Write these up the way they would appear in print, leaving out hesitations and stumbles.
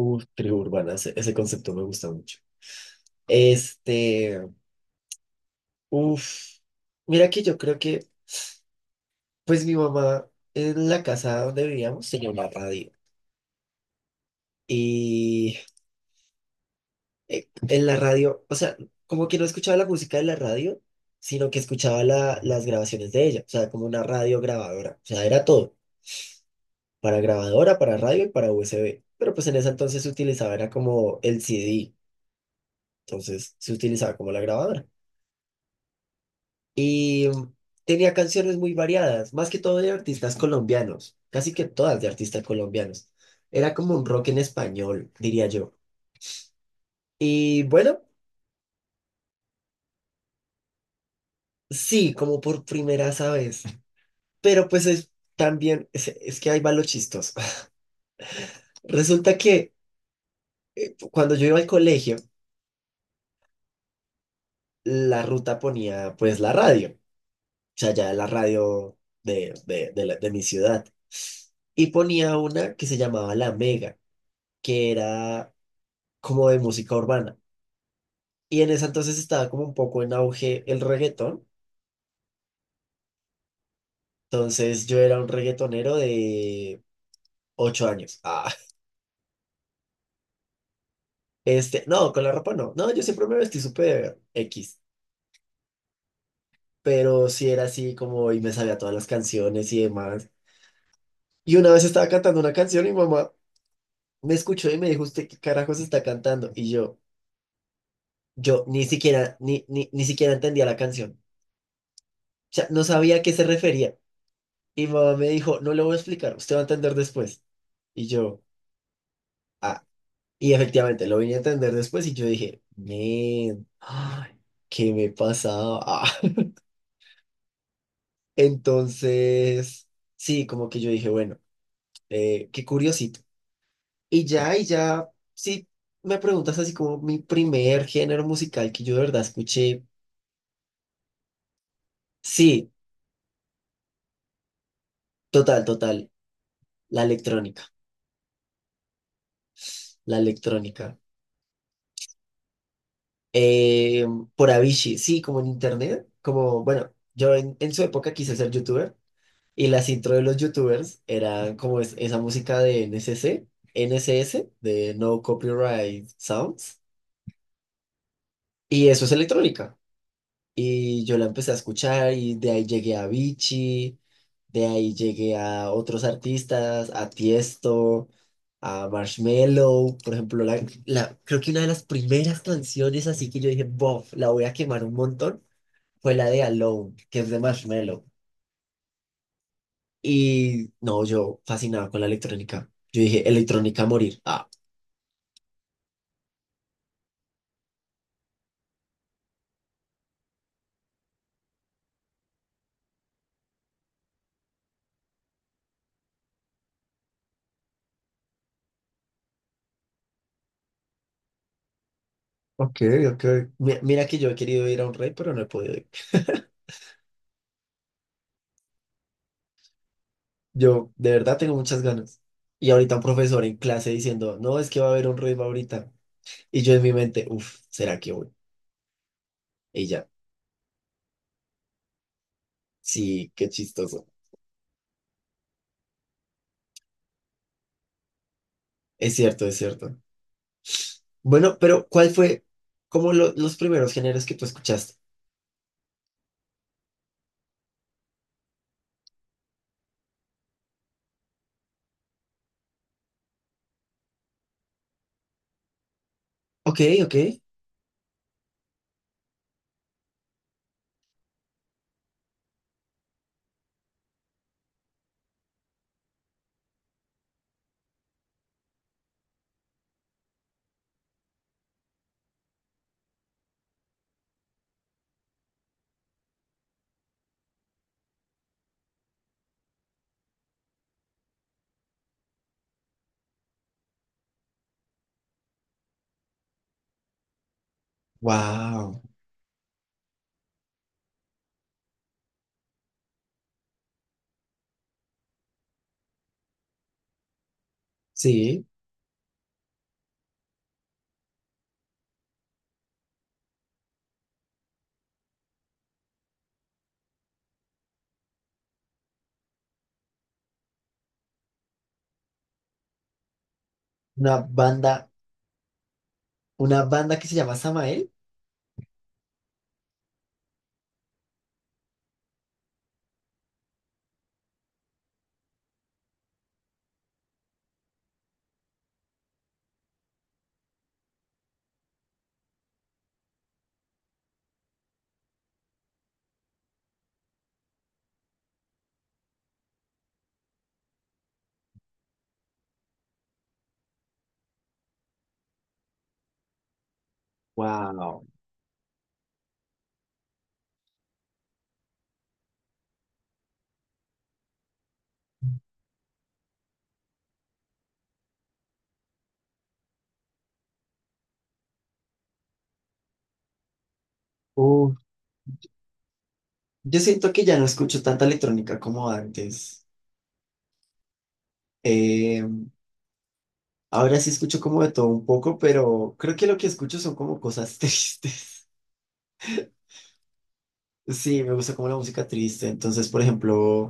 Uf, tribu urbana, ese concepto me gusta mucho. Este, uf, mira que yo creo que, pues mi mamá en la casa donde vivíamos tenía una radio y en la radio, o sea, como que no escuchaba la música de la radio, sino que escuchaba las grabaciones de ella, o sea, como una radio grabadora, o sea, era todo, para grabadora, para radio y para USB, pero pues en ese entonces se utilizaba, era como el CD, entonces se utilizaba como la grabadora. Y tenía canciones muy variadas, más que todo de artistas colombianos, casi que todas de artistas colombianos. Era como un rock en español, diría yo. Y bueno, sí, como por primera vez. Pero también, es que ahí va lo chistoso. Resulta que cuando yo iba al colegio, la ruta ponía pues la radio, o sea, ya la radio de mi ciudad. Y ponía una que se llamaba La Mega, que era como de música urbana. Y en esa entonces estaba como un poco en auge el reggaetón. Entonces yo era un reggaetonero de ocho años. Ah, no, con la ropa no. No, yo siempre me vestí súper X. Pero sí era así como y me sabía todas las canciones y demás. Y una vez estaba cantando una canción y mi mamá me escuchó y me dijo, ¿usted qué carajos está cantando? Y yo ni siquiera, ni siquiera entendía la canción. O sea, no sabía a qué se refería. Y mi mamá me dijo, no le voy a explicar, usted va a entender después. Y yo... "Ah, y efectivamente lo vine a entender después y yo dije, "Men, ay, ¿qué me pasaba? Ah". Entonces, sí, como que yo dije, bueno, qué curiosito. Y ya, sí, me preguntas así como mi primer género musical que yo de verdad escuché, sí, total, la electrónica, la electrónica. Eh, por Avicii, sí, como en internet, como, bueno, en su época quise ser youtuber. Y las intro de los youtubers eran como esa música de N C NCC, S de No Copyright Sounds. Y eso es electrónica. Y yo la empecé a escuchar y de ahí llegué a Vichy, de ahí llegué a otros artistas, a Tiesto, a Marshmello. Por ejemplo, creo que una de las primeras canciones así que yo dije, bof, la voy a quemar un montón, fue la de Alone, que es de Marshmello. Y no, yo fascinado con la electrónica. Yo dije, electrónica a morir. Ah, ok, ok. Mira que yo he querido ir a un rey, pero no he podido ir. Yo de verdad tengo muchas ganas. Y ahorita un profesor en clase diciendo, no, es que va a haber un rey ahorita. Y yo en mi mente, uff, ¿será que voy? Y ya, sí, qué chistoso. Es cierto, es cierto. Bueno, pero ¿cuál fue como los primeros géneros que tú escuchaste? Ok, ok. Wow. Sí, una banda, una banda que se llama Samael. Wow. Uh, yo siento que ya no escucho tanta electrónica como antes. Eh, ahora sí escucho como de todo un poco, pero creo que lo que escucho son como cosas tristes. Sí, me gusta como la música triste. Entonces, por ejemplo,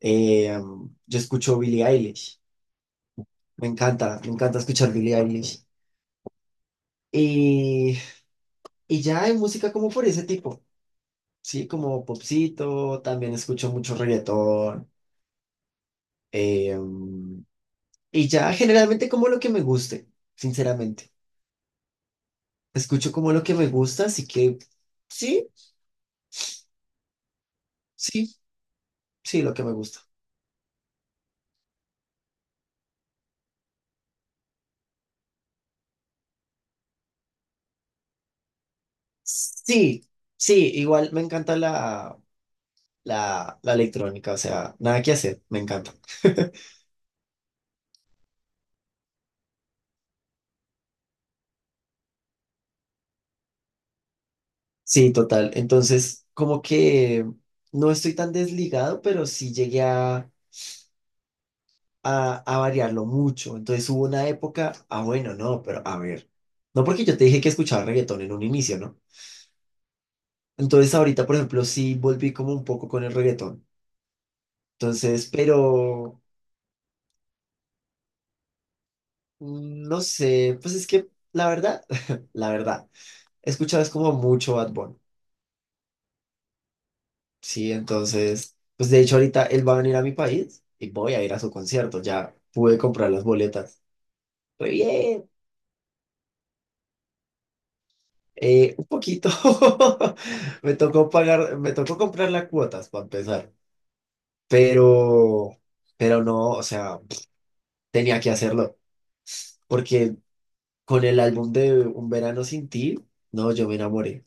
eh, yo escucho Billie Eilish. Me encanta escuchar Billie Eilish. Y, y ya hay música como por ese tipo, sí, como popcito, también escucho mucho reggaetón. eh, y ya generalmente como lo que me guste, sinceramente. Escucho como lo que me gusta, así que sí, sí, sí, lo que me gusta. Sí, sí, igual me encanta la electrónica, o sea, nada que hacer, me encanta. Sí, total. Entonces, como que no estoy tan desligado, pero sí llegué a variarlo mucho. Entonces hubo una época, ah, bueno, no, pero a ver, no porque yo te dije que escuchaba reggaetón en un inicio, ¿no? Entonces ahorita, por ejemplo, sí volví como un poco con el reggaetón. Entonces, pero... Mm, no sé, pues es que la verdad, la verdad, he escuchado es como mucho Bad Bunny, sí, entonces, pues de hecho ahorita él va a venir a mi país y voy a ir a su concierto, ya pude comprar las boletas, muy bien, un poquito, me tocó pagar, me tocó comprar las cuotas para empezar, pero, pero no, o sea, tenía que hacerlo, porque con el álbum de Un Verano Sin Ti, no, yo me enamoré.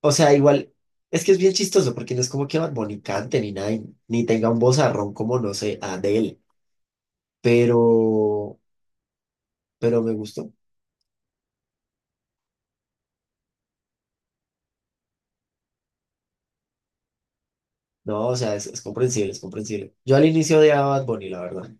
O sea, igual, es que es bien chistoso porque no es como que Bad Bunny cante ni nada, y- ni tenga un vozarrón como, no sé, Adele, pero, pero me gustó. No, o sea, es comprensible, es comprensible. Yo al inicio odiaba a Bad Bunny, la verdad.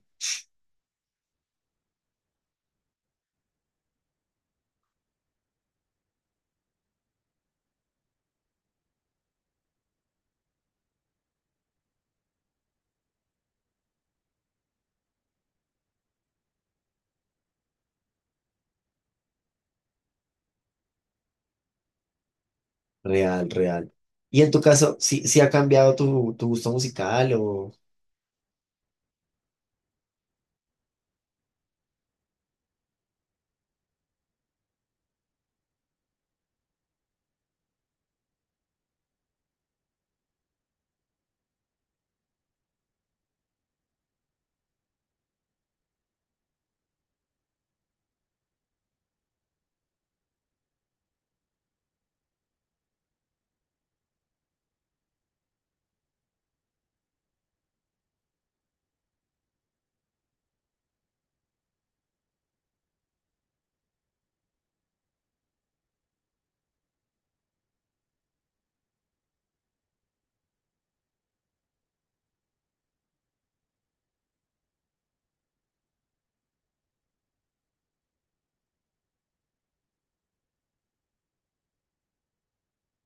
Real, real. Y en tu caso, ¿sí, sí ha cambiado tu, tu gusto musical o...?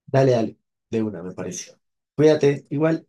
Dale, dale, de una, me parece. Cuídate, igual.